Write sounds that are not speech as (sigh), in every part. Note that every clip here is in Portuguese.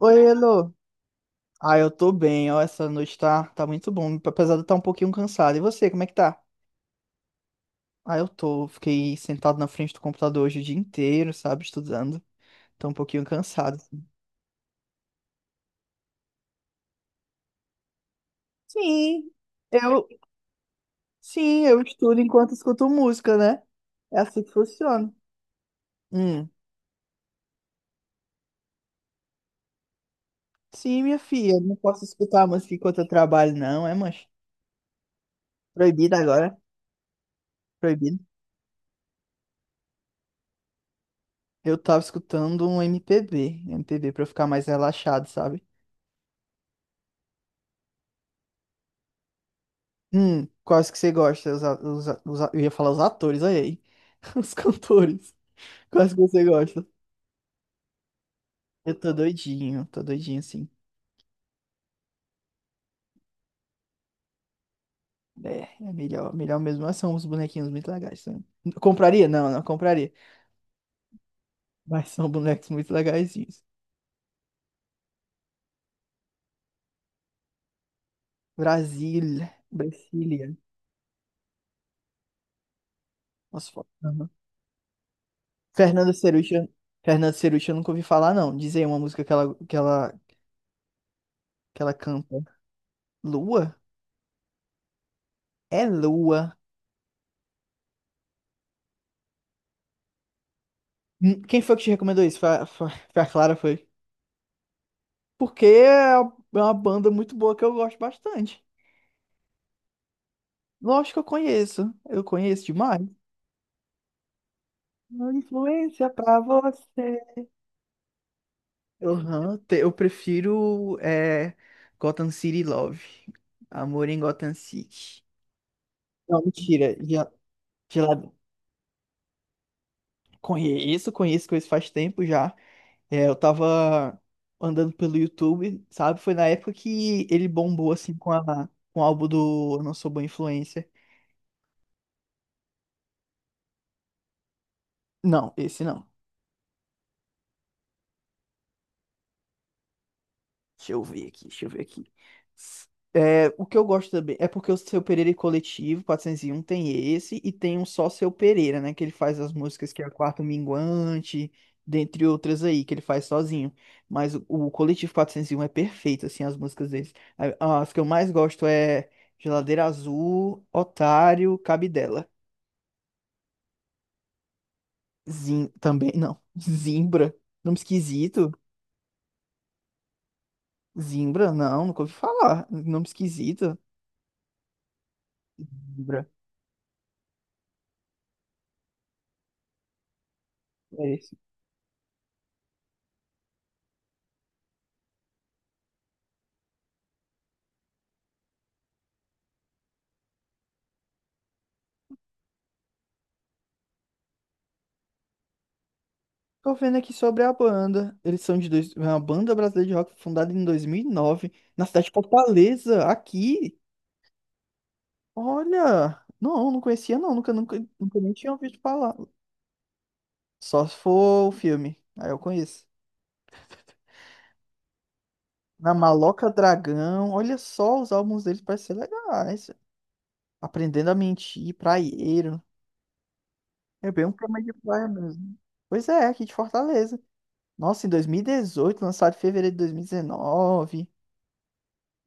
Oi, Elo. Ah, eu tô bem, ó, essa noite tá muito bom, apesar de eu estar um pouquinho cansado. E você, como é que tá? Ah, fiquei sentado na frente do computador hoje o dia inteiro, sabe, estudando. Tô um pouquinho cansado, assim. Sim, eu, sim, eu estudo enquanto escuto música, né? É assim que funciona. Hum. Sim, minha filha, eu não posso escutar música enquanto eu trabalho, não, é, mancha? Proibido agora, proibido. Eu tava escutando um MPB, MPB pra eu ficar mais relaxado, sabe? Hum. Quais que você gosta? Eu ia falar os atores, olha aí. (laughs) Os cantores. Quais que você gosta? Eu tô doidinho, sim. É melhor, melhor mesmo. Mas são uns bonequinhos muito legais. São. Compraria? Não, não compraria. Mas são bonecos muito legaisinhos. Brasília. Brasília. Nossa, foda. Uhum. Fernanda Cerucha. Fernanda Cerucha eu nunca ouvi falar, não. Diz aí uma música que ela canta. Lua? É Lua. Quem foi que te recomendou isso? Foi a Clara, foi? Porque é uma banda muito boa que eu gosto bastante. Lógico que eu conheço demais. Uma influência pra você. Aham, eu prefiro é Gotham City Love. Amor em Gotham City. Não, mentira. Já, já conheço, conheço, conheço faz tempo já. É, eu tava andando pelo YouTube, sabe? Foi na época que ele bombou assim com o álbum do Eu Não Sou Boa Influência. Não, esse não. Deixa eu ver aqui, deixa eu ver aqui. S- É, o que eu gosto também é porque o Seu Pereira e Coletivo 401 tem esse e tem um só Seu Pereira, né? Que ele faz as músicas que é Quarto Minguante, dentre outras aí, que ele faz sozinho. Mas o Coletivo 401 é perfeito, assim, as músicas deles. As que eu mais gosto é Geladeira Azul, Otário, Cabidela. Também, não. Zimbra. Nome esquisito. Zimbra, não, nunca ouvi falar. Nome esquisito. Zimbra. É. Tô vendo aqui sobre a banda. Eles são de dois. É uma banda brasileira de rock fundada em 2009, na cidade de Fortaleza, aqui. Olha, não, não conhecia não, nunca, nunca, nunca nem tinha ouvido falar. Só se for o filme, aí eu conheço. Na Maloca Dragão, olha só, os álbuns deles parecem ser legais. Aprendendo a Mentir, Praieiro. É bem um tema de praia mesmo. Pois é, aqui de Fortaleza. Nossa, em 2018, lançado em fevereiro de 2019.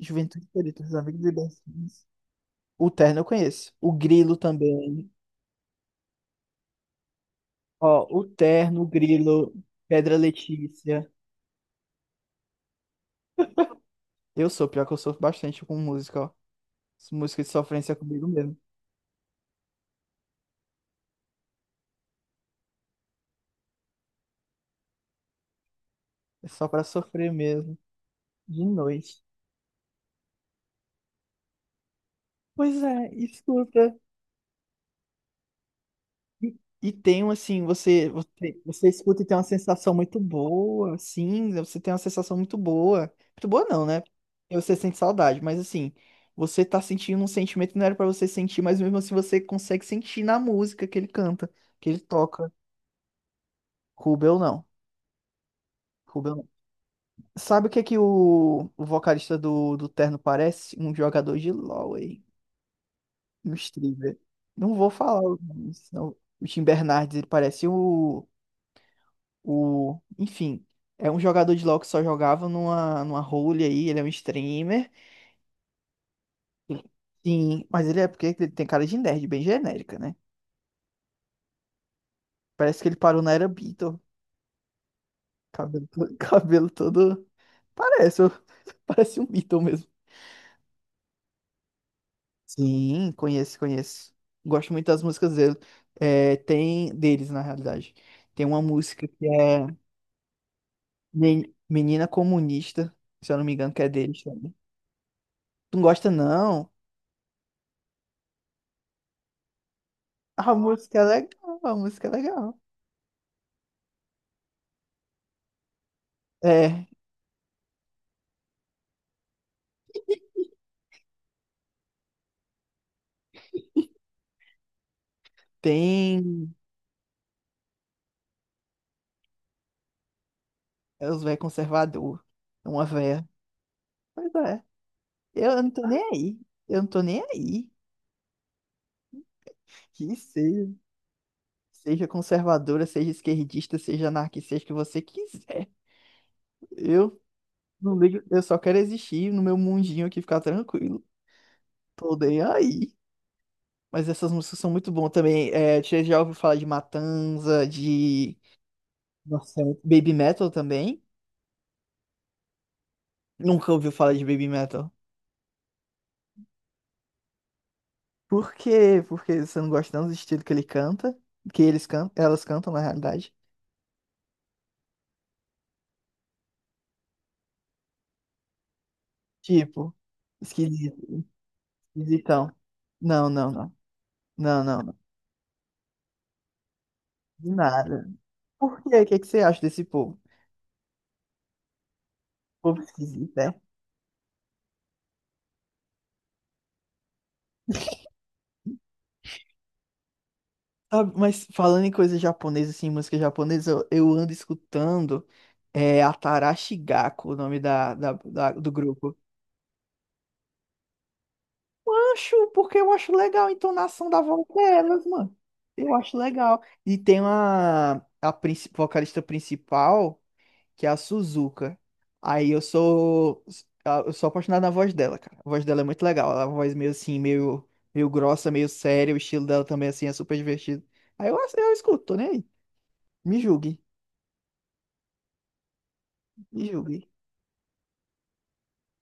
Juventude Perito, os Amigos Libertinos. O Terno eu conheço. O Grilo também. Ó, o Terno, o Grilo, Pedra Letícia. Eu sou, pior que eu sofro bastante com música, ó. Música de sofrência comigo mesmo. É só pra sofrer mesmo, de noite. Pois é, escuta. E, e tem um assim, você escuta e tem uma sensação muito boa, assim, você tem uma sensação muito boa. Muito boa não, né? Porque você sente saudade, mas assim, você tá sentindo um sentimento que não era pra você sentir, mas mesmo assim você consegue sentir na música que ele canta, que ele toca. Rubel não. Rubel não. Sabe o que é que o vocalista do Terno parece? Um jogador de LoL aí, um streamer. Não vou falar o nome, senão o Tim Bernardes, ele parece o. O, enfim, é um jogador de LoL que só jogava numa, numa role aí, ele é um streamer. Sim, mas ele é porque ele tem cara de nerd, bem genérica, né? Parece que ele parou na era Beatle. Cabelo, (laughs) cabelo todo. Parece, (laughs) parece um Beatle mesmo. Sim, conheço, conheço. Gosto muito das músicas dele. É, tem deles, na realidade. Tem uma música que é Menina Comunista, se eu não me engano, que é deles também. Tu não gosta, não? A música é legal, a música é legal. É, tem é os velhos conservador, é uma véia. Pois é, eu não tô nem aí, eu não tô nem aí. Que seja, seja conservadora, seja esquerdista, seja anarquista, seja o que você quiser. Eu não ligo, eu só quero existir no meu mundinho aqui, ficar tranquilo. Tô nem aí. Mas essas músicas são muito boas também. É, você já ouviu falar de Matanza, de. Nossa, é Baby Metal também? Nunca ouviu falar de Baby Metal? Por quê? Porque você não gosta tanto do estilo que ele canta, que eles cantam, elas cantam na realidade. Tipo, esquisito, esquisitão. Não, não, não. Não, não, não. De nada. Por quê? O que é que você acha desse povo? Povo esquisito, é? Sabe, mas falando em coisa japonesa, assim, música japonesa, eu ando escutando a Tarashi Gako, o nome do grupo. Acho, porque eu acho legal a entonação da voz delas, mano. Eu acho legal. E tem uma vocalista principal, que é a Suzuka. Aí eu sou apaixonado na voz dela, cara. A voz dela é muito legal. Ela é uma voz meio assim, meio grossa, meio séria, o estilo dela também assim é super divertido. Aí eu escuto, tô nem aí. Me julgue, me julgue.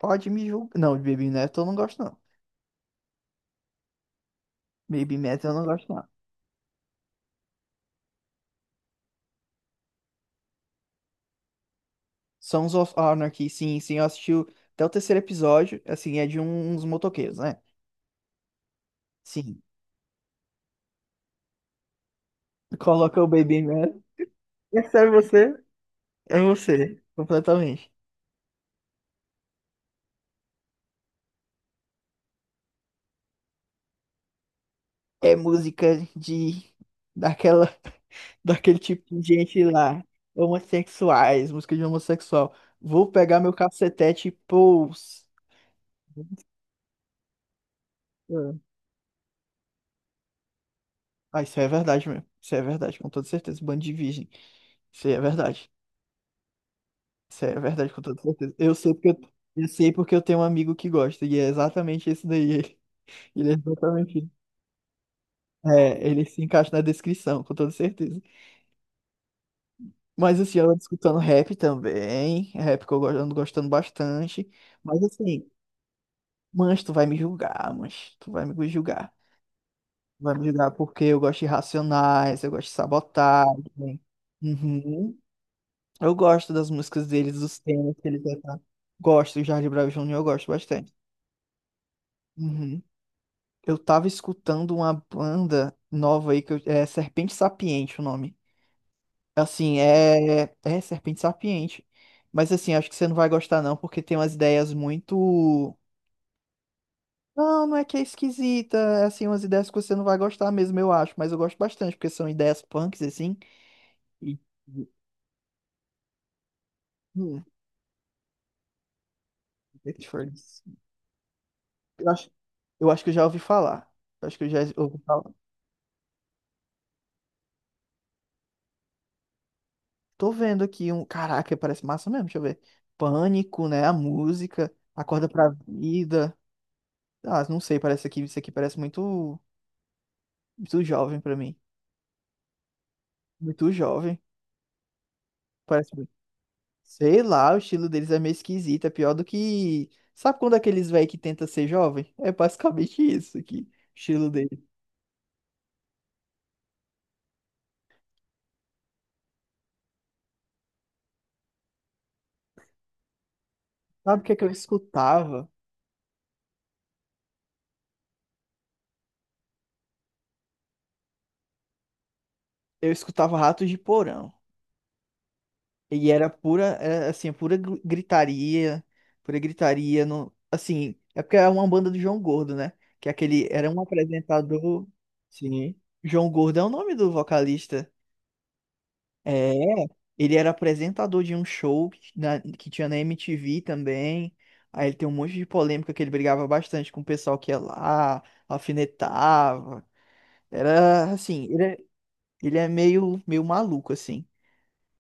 Pode me julgar. Não, de Baby Metal eu não gosto não. Baby Metal eu não gosto. Sons of Anarchy, sim, sim, eu assisti até o terceiro episódio, assim, é de uns motoqueiros, né? Sim. (laughs) Coloca o Baby Man. É sério você? É você, completamente. É música de daquela (laughs) daquele tipo de gente lá, homossexuais, música de homossexual. Vou pegar meu cacetete e pôs. É. Ah, isso é verdade mesmo. Isso é verdade, com toda certeza. Bando de virgem. Isso aí é verdade. Isso é verdade, com toda certeza. Eu sei porque eu tenho um amigo que gosta, e é exatamente isso daí. (laughs) Ele é exatamente isso. É, ele se encaixa na descrição, com toda certeza. Mas assim, eu ando escutando rap também. Rap que eu ando gostando bastante. Mas assim, mas tu vai me julgar, mas tu vai me julgar. Vai me julgar porque eu gosto de Racionais, eu gosto de Sabotagem. Uhum. Eu gosto das músicas deles, dos temas que eles cantam. Gosto, Jorge Bravo Júnior, eu gosto bastante. Uhum. Eu tava escutando uma banda nova aí é Serpente Sapiente o nome. Assim, é Serpente Sapiente. Mas assim, acho que você não vai gostar não, porque tem umas ideias muito. Não, não é que é esquisita, é assim umas ideias que você não vai gostar mesmo, eu acho, mas eu gosto bastante, porque são ideias punks assim. E hum, Dead Furnace. eu acho, eu acho que eu já ouvi falar. Eu acho que eu já ouvi falar. Tô vendo aqui um. Caraca, parece massa mesmo, deixa eu ver. Pânico, né? A música, Acorda pra Vida. Ah, não sei, parece aqui, isso aqui parece muito, muito jovem pra mim. Muito jovem. Parece, muito. Sei lá, o estilo deles é meio esquisito, é pior do que. Sabe quando aqueles velhos que tenta ser jovem? É basicamente isso aqui, o estilo dele. Sabe o que é que eu escutava? Eu escutava Ratos de Porão. E era pura, era, assim, pura gritaria, pura gritaria no, assim, é porque era uma banda do João Gordo, né? Que é aquele era um apresentador, sim. João Gordo é o nome do vocalista. É, ele era apresentador de um show que tinha na MTV também. Aí ele tem um monte de polêmica que ele brigava bastante com o pessoal que ia lá, alfinetava. Era assim, ele é meio maluco assim.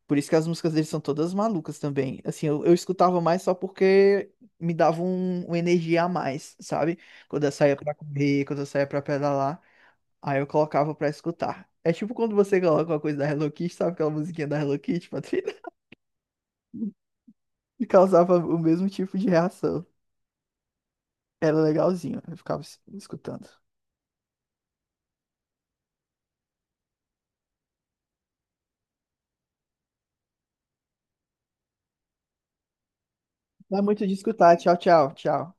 Por isso que as músicas dele são todas malucas também. Assim, eu escutava mais só porque me dava uma energia a mais, sabe? Quando eu saía pra correr, quando eu saía pra pedalar, aí eu colocava pra escutar. É tipo quando você coloca uma coisa da Hello Kitty, sabe aquela musiquinha da Hello Kitty, Patrícia? (laughs) E causava o mesmo tipo de reação. Era legalzinho, eu ficava escutando. Não é muito de escutar. Tchau, tchau, tchau.